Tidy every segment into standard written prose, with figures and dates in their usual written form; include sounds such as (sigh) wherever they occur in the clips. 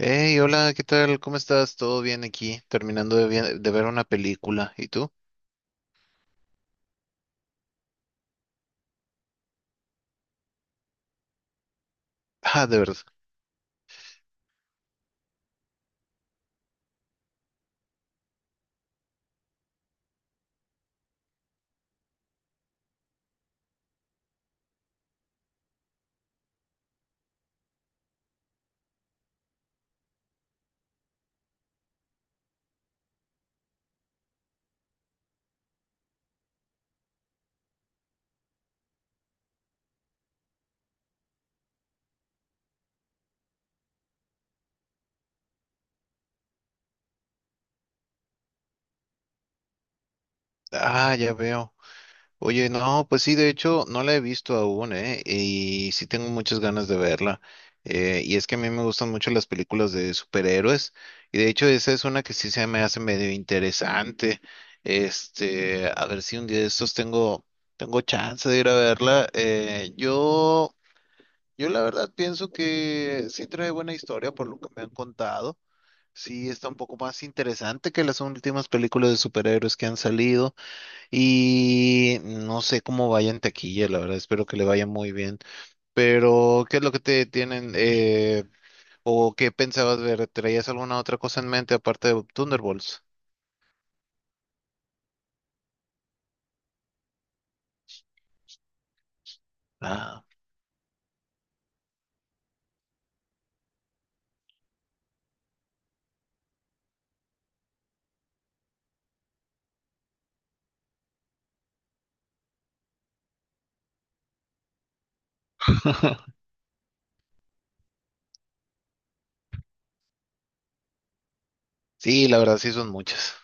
Hey, hola, ¿qué tal? ¿Cómo estás? ¿Todo bien aquí? Terminando de, de ver una película. ¿Y tú? (laughs) Ah, de verdad. Ah, ya veo. Oye, no, pues sí, de hecho, no la he visto aún, ¿eh? Y sí tengo muchas ganas de verla. Y es que a mí me gustan mucho las películas de superhéroes. Y de hecho, esa es una que sí se me hace medio interesante. Este, a ver si un día de estos tengo chance de ir a verla. Yo la verdad pienso que sí trae buena historia por lo que me han contado. Sí está un poco más interesante que las últimas películas de superhéroes que han salido y no sé cómo vaya en taquilla, la verdad, espero que le vaya muy bien. Pero, ¿qué es lo que te tienen o qué pensabas ver? ¿Traías alguna otra cosa en mente aparte de Thunderbolts? Ah, (laughs) sí, la verdad sí son muchas.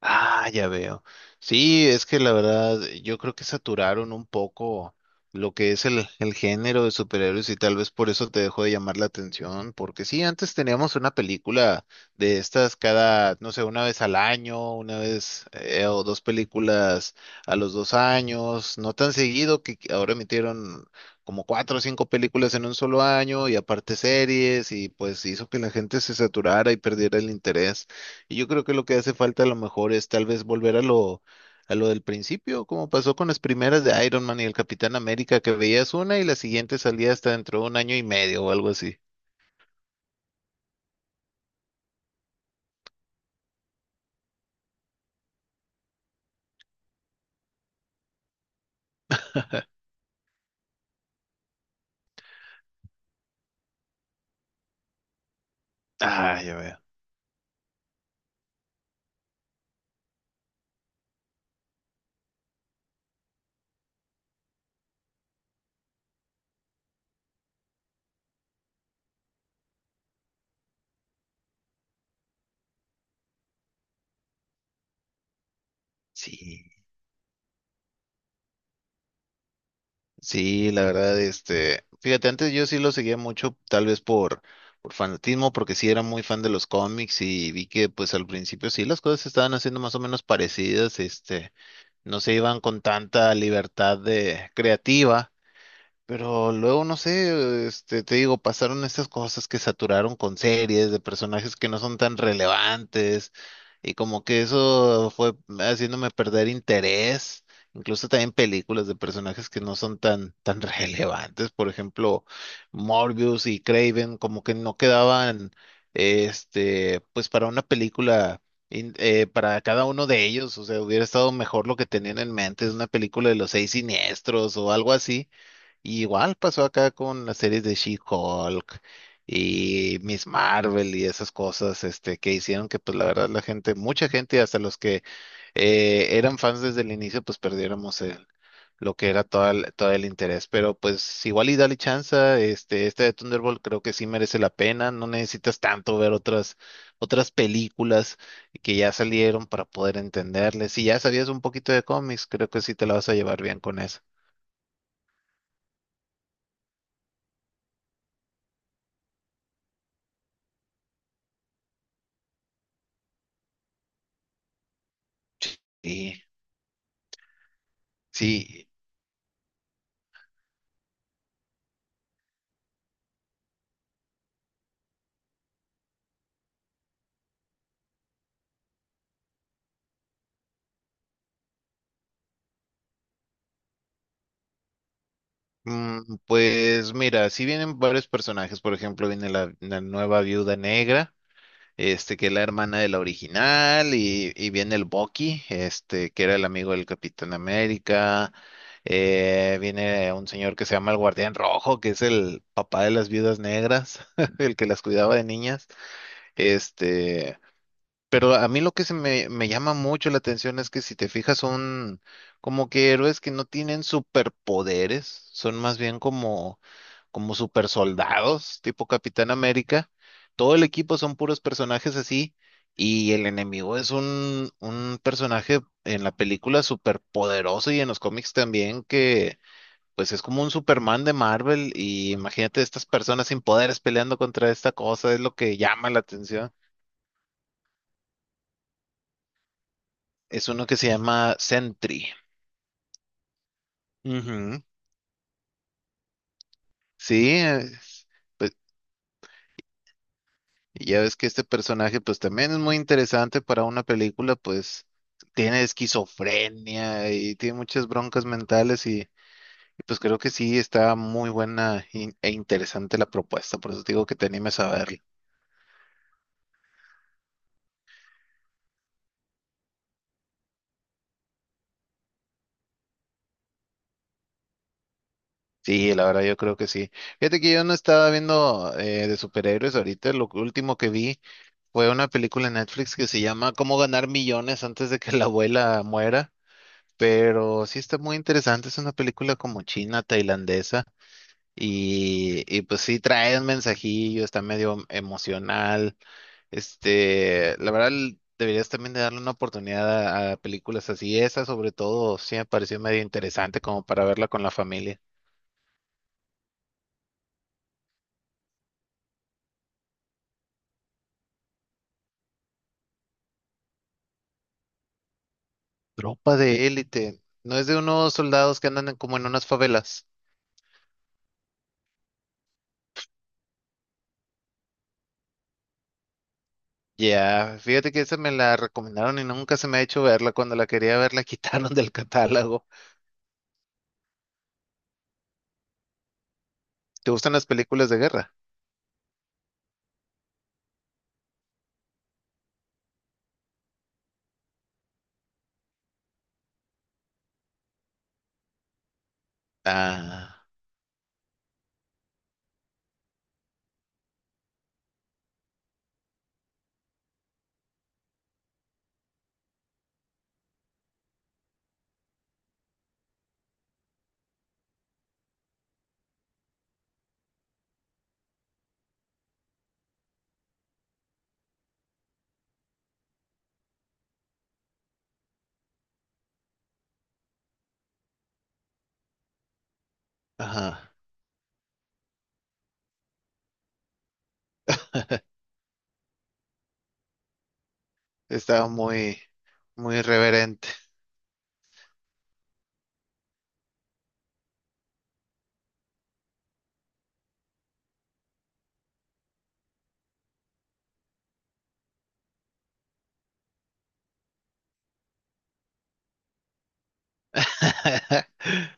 Ah, ya veo. Sí, es que la verdad, yo creo que saturaron un poco lo que es el género de superhéroes y tal vez por eso te dejó de llamar la atención, porque sí, antes teníamos una película de estas cada, no sé, una vez al año, una vez o dos películas a los dos años, no tan seguido que ahora emitieron como cuatro o cinco películas en un solo año y aparte series y pues hizo que la gente se saturara y perdiera el interés. Y yo creo que lo que hace falta a lo mejor es tal vez volver a a lo del principio, como pasó con las primeras de Iron Man y el Capitán América, que veías una y la siguiente salía hasta dentro de un año y medio o algo así. Ah, ya veo. Sí. Sí, la verdad, este, fíjate, antes yo sí lo seguía mucho, tal vez por fanatismo, porque sí era muy fan de los cómics y vi que pues al principio sí las cosas se estaban haciendo más o menos parecidas, este, no se iban con tanta libertad de creativa. Pero luego, no sé, este, te digo, pasaron estas cosas que saturaron con series de personajes que no son tan relevantes y como que eso fue haciéndome perder interés, incluso también películas de personajes que no son tan (laughs) relevantes, por ejemplo, Morbius y Craven, como que no quedaban, este, pues para una película. Para cada uno de ellos, o sea, hubiera estado mejor lo que tenían en mente, es una película de los seis siniestros o algo así y igual pasó acá con las series de She-Hulk y Miss Marvel y esas cosas, este, que hicieron que, pues, la verdad, mucha gente, hasta los que eran fans desde el inicio, pues, perdiéramos lo que era todo todo el interés. Pero, pues, igual y dale chance, este de Thunderbolt creo que sí merece la pena. No necesitas tanto ver otras películas que ya salieron para poder entenderles. Si ya sabías un poquito de cómics, creo que sí te la vas a llevar bien con eso. Y sí, mm. Pues mira, si vienen varios personajes, por ejemplo, viene la nueva viuda negra, este, que es la hermana de la original, y viene el Bucky, este, que era el amigo del Capitán América, viene un señor que se llama el Guardián Rojo, que es el papá de las viudas negras, (laughs) el que las cuidaba de niñas, este, pero a mí lo que me llama mucho la atención es que si te fijas son como que héroes que no tienen superpoderes, son más bien como supersoldados, tipo Capitán América. Todo el equipo son puros personajes así y el enemigo es un personaje en la película superpoderoso y en los cómics también que pues es como un Superman de Marvel y imagínate estas personas sin poderes peleando contra esta cosa, es lo que llama la atención. Es uno que se llama Sentry. Ujú. Sí, es- pues ya ves que este personaje pues también es muy interesante para una película, pues tiene esquizofrenia y tiene muchas broncas mentales pues creo que sí está muy buena e interesante la propuesta, por eso te digo que te animes a verla. Sí, la verdad yo creo que sí. Fíjate que yo no estaba viendo de superhéroes ahorita, lo último que vi fue una película en Netflix que se llama Cómo ganar millones antes de que la abuela muera. Pero sí está muy interesante, es una película como china, tailandesa, y pues sí trae un mensajillo, está medio emocional. Este, la verdad, l- deberías también de darle una oportunidad a películas así. Esa, sobre todo, sí me pareció medio interesante como para verla con la familia. Tropa de élite, no es de unos soldados que andan como en unas favelas. Ya, fíjate que esa me la recomendaron y nunca se me ha hecho verla. Cuando la quería ver, la (laughs) quitaron del catálogo. ¿Te gustan las películas de guerra? Ah, ajá. (laughs) Estaba muy reverente. (laughs)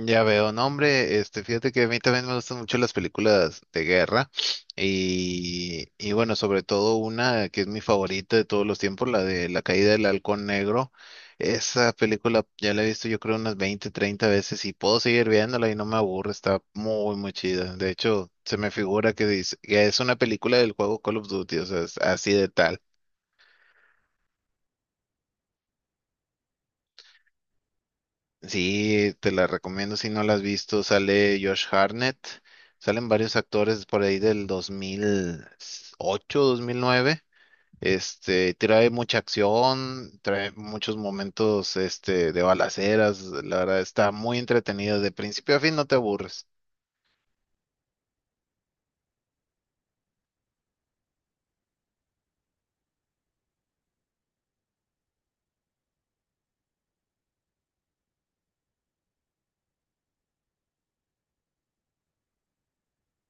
Ya veo, no, hombre, este, fíjate que a mí también me gustan mucho las películas de guerra y bueno, sobre todo una que es mi favorita de todos los tiempos, la de La caída del Halcón Negro. Esa película ya la he visto yo creo unas 20, 30 veces y puedo seguir viéndola y no me aburre, está muy, muy chida. De hecho, se me figura que dice, que es una película del juego Call of Duty, o sea, es así de. Sí, te la recomiendo si no la has visto. Sale Josh Hartnett, salen varios actores por ahí del 2008, 2009. Este, trae mucha acción, trae muchos momentos, este, de balaceras. La verdad está muy entretenido. De principio a fin no te aburres.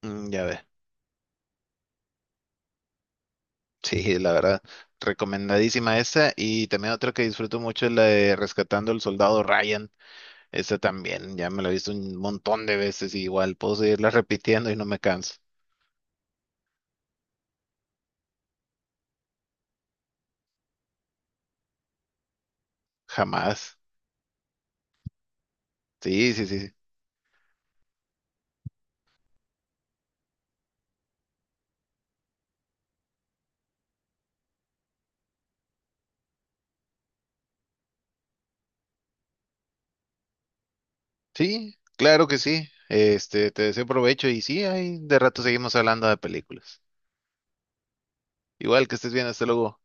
Mm, ya ve. Sí, la verdad, recomendadísima esa. Y también otra que disfruto mucho es la de Rescatando al Soldado Ryan. Esa también, ya me la he visto un montón de veces y igual puedo seguirla repitiendo y no me canso. Jamás. Sí, sí, sí. Sí, claro que sí. Este, te deseo provecho y sí, ahí de rato seguimos hablando de películas. Igual que estés bien, hasta luego.